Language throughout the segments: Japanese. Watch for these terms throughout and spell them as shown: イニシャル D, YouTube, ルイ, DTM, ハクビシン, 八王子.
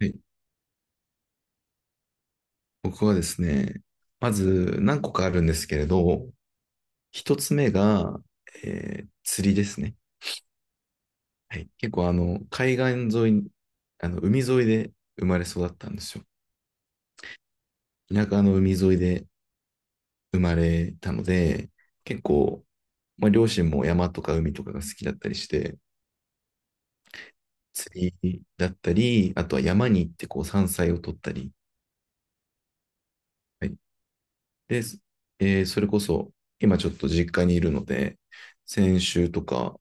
はい。僕はですね、まず何個かあるんですけれど、一つ目が、釣りですね。はい、結構海岸沿いに、あの海沿いで生まれ育ったんですよ。田舎の海沿いで生まれたので、結構、まあ、両親も山とか海とかが好きだったりして、釣りだったり、あとは山に行ってこう山菜を取ったり、はい。で、それこそ今ちょっと実家にいるので、先週とか、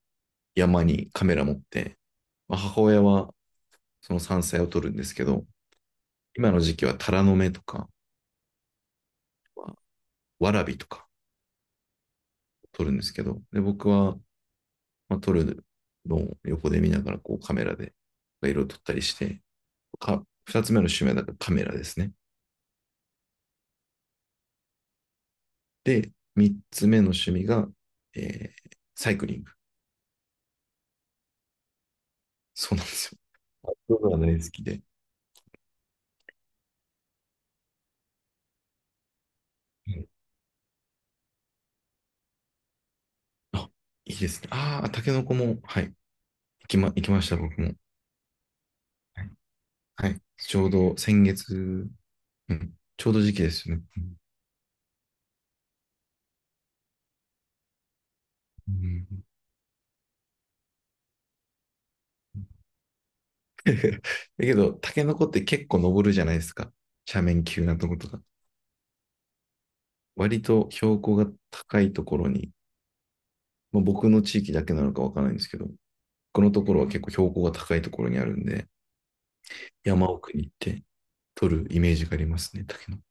山にカメラ持って、まあ、母親はその山菜を撮るんですけど、今の時期はタラの芽とか、わらびとか撮るんですけど、で、僕は、まあ、撮るのを横で見ながらこうカメラで色を撮ったりして、か、二つ目の趣味はだからカメラですね。で、三つ目の趣味が、サイクリング。そうなんですよ。僕は大好きで。うん。あ、いいですね。ああ、タケノコも、はい、行きま、行きました、僕も。はい。はい、ちょうど先月、うん、ちょうど時期ですよね。うん。うん。 だけど、タケノコって結構登るじゃないですか。斜面急なとことか。割と標高が高いところに、まあ、僕の地域だけなのかわからないんですけど、このところは結構標高が高いところにあるんで、山奥に行って取るイメージがありますね、タケノコ。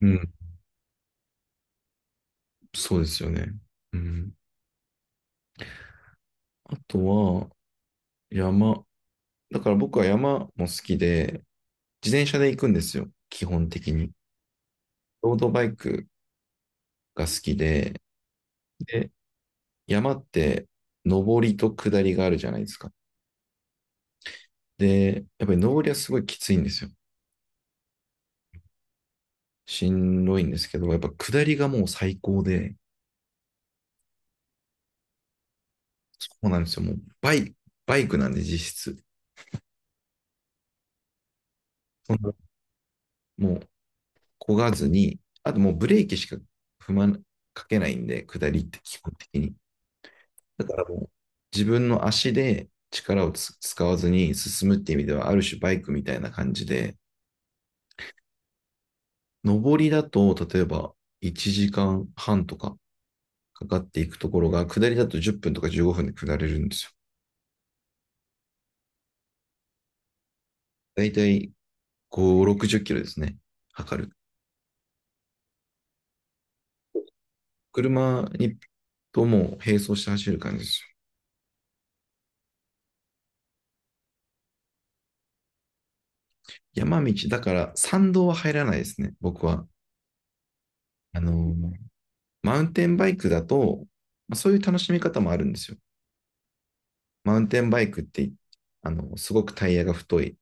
うん、そうですよね。うん。あとは、山。だから僕は山も好きで、自転車で行くんですよ、基本的に。ロードバイクが好きで、で、山って上りと下りがあるじゃないですか。で、やっぱり上りはすごいきついんですよ。しんどいんですけど、やっぱ下りがもう最高で、そうなんですよ。もうバイ、バイクなんで実質。そんなもう漕がずに、あともうブレーキしか踏まな、かけないんで、下りって基本的に。だからもう自分の足で力をつ使わずに進むっていう意味では、ある種バイクみたいな感じで、上りだと、例えば1時間半とか、かかっていくところが、下りだと10分とか15分で下れるんですよ。だいたい5、60キロですね。測る。車にとも並走して走る感じですよ。山道、だから山道は入らないですね、僕は。あのーマウンテンバイクだと、まあそういう楽しみ方もあるんですよ。マウンテンバイクって、あの、すごくタイヤが太い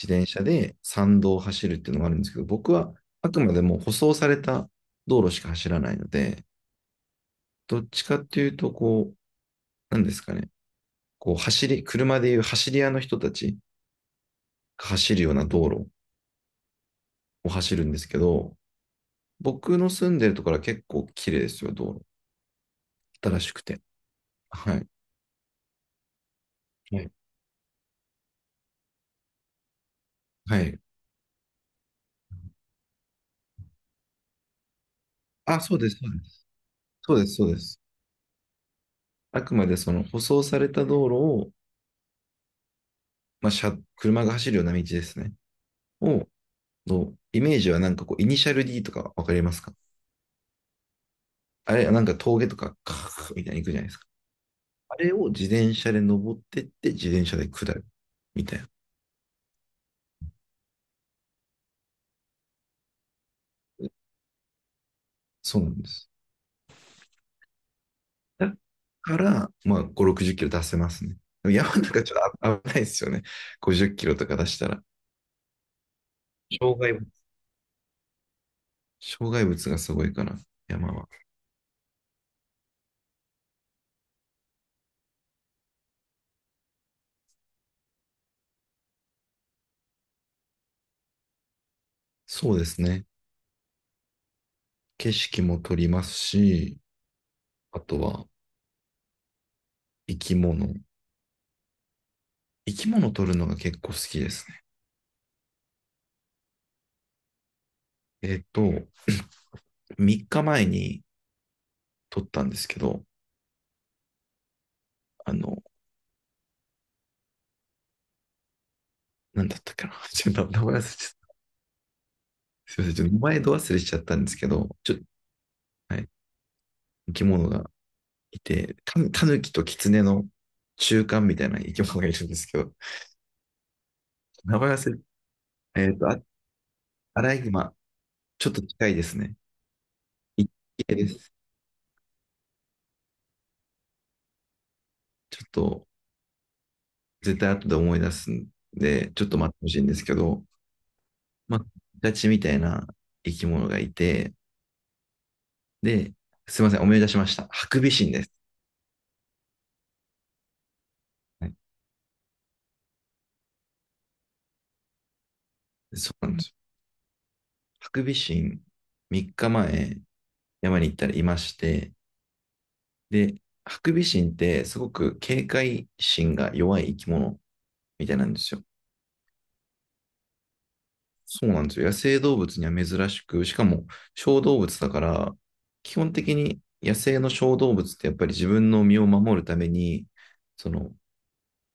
自転車で山道を走るっていうのもあるんですけど、僕はあくまでも舗装された道路しか走らないので、どっちかっていうと、こ、なんですかね、こう走り、車でいう走り屋の人たちが走るような道路を走るんですけど、僕の住んでるところは結構綺麗ですよ、道路。新しくて。はい。はい。はい。あ、そうです、そうです。そうです、そうです。あくまでその舗装された道路を、まあ、車、車が走るような道ですね。を、のイメージはなんかこう、イニシャル D とかわかりますか？あれ、なんか峠とか、カーッみたいに行くじゃないですか。あれを自転車で登ってって、自転車で下る。みたいな。そうなんです。だから、まあ、5、60キロ出せますね。でも山とかちょっと危、危ないですよね。50キロとか出したら。障害物。障害物がすごいから、山は。そうですね。景色も撮りますし、あとは生き物。生き物撮るのが結構好きですね。えっと、3日前に撮ったんですけど、あの、なんだったかな。ちょっと名前忘れちゃった。すいません。ちょっと前度忘れしちゃったんですけど、ちょ、はい。生き物がいて、タヌキとキツネの中間みたいな生き物がいるんですけど、名前忘れ、えっと、あ、アライグマ、ちょっと近いですね。一系です。ちょっと、絶対後で思い出すんで、ちょっと待ってほしいんですけど、まあ、ガチみたいな生き物がいて、で、すいません、思い出しました。ハクビシンです。はい、そうなんですよ。ハクビシン、3日前、山に行ったらいまして、で、ハクビシンってすごく警戒心が弱い生き物みたいなんですよ。そうなんですよ。野生動物には珍しく、しかも小動物だから、基本的に野生の小動物ってやっぱり自分の身を守るために、その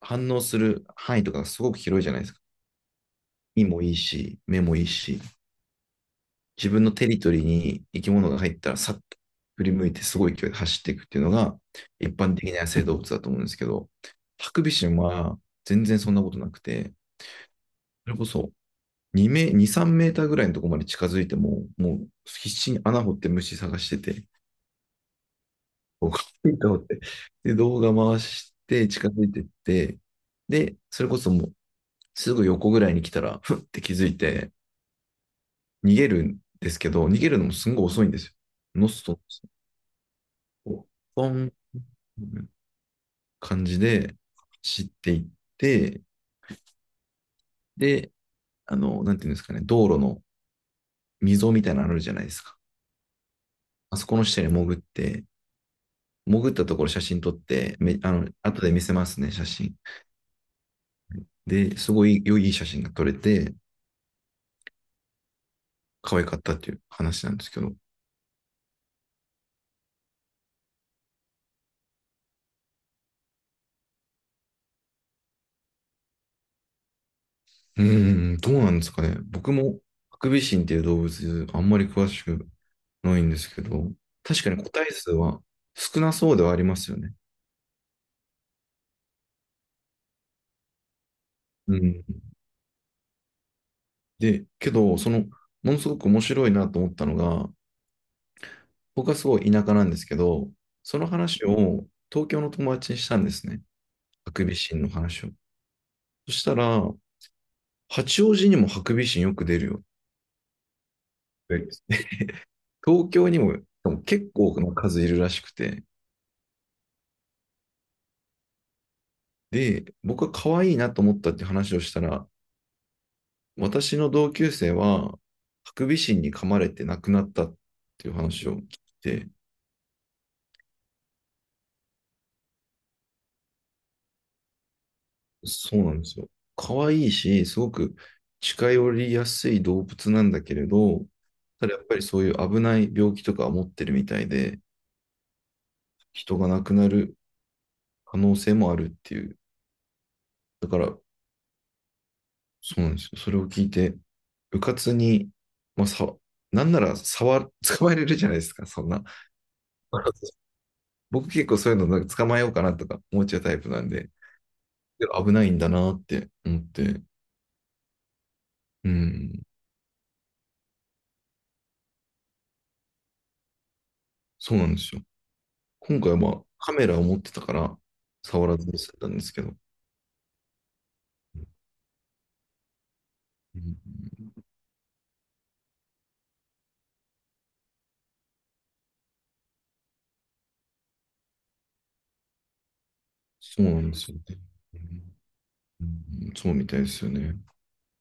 反応する範囲とかがすごく広いじゃないですか。身もいいし、目もいいし、自分のテリトリーに生き物が入ったらさっと振り向いてすごい勢いで走っていくっていうのが一般的な野生動物だと思うんですけど、ハクビシンは全然そんなことなくて、それこそ2メ、2、3メーターぐらいのところまで近づいても、もう必死に穴掘って虫探してて、こうと思って、で、動画回して近づいてって、で、それこそもうすぐ横ぐらいに来たら、ふって気づいて、逃げるんですけど、逃げるのもすんごい遅いんですよ。ノストのポン、感じで走っていって、で、あの、なんていうんですかね、道路の溝みたいなのあるじゃないですか。あそこの下に潜って、潜ったところ写真撮って、め、あの、後で見せますね、写真。で、すごい良い写真が撮れて、可愛かったっていう話なんですけど。うーん、どうなんですかね。僕も、ハクビシンっていう動物、あんまり詳しくないんですけど、確かに個体数は少なそうではありますよね。うん。で、けど、その、ものすごく面白いなと思ったのが、僕はすごい田舎なんですけど、その話を東京の友達にしたんですね。ハクビシンの話を。そしたら、八王子にもハクビシンよく出るよ。東京にも結構な数いるらしくて。で、僕は可愛いなと思ったって話をしたら、私の同級生は、ハクビシンに噛まれて亡くなったっていう話を聞いて、そうなんですよ。可愛いし、すごく近寄りやすい動物なんだけれど、ただやっぱりそういう危ない病気とか持ってるみたいで、人が亡くなる可能性もあるっていう。だから、そうなんですよ。それを聞いて、うかつに、まあ、さ、なんなら触、捕まえれるじゃないですか、そんな。僕結構そういうのなんか捕まえようかなとか思っちゃうタイプなんで、でも危ないんだなって思って、うん、そうなんですよ。今回はまあカメラを持ってたから触らずに済んだんですけど、うん、そうなんですよね。うん、そうみたいですよね。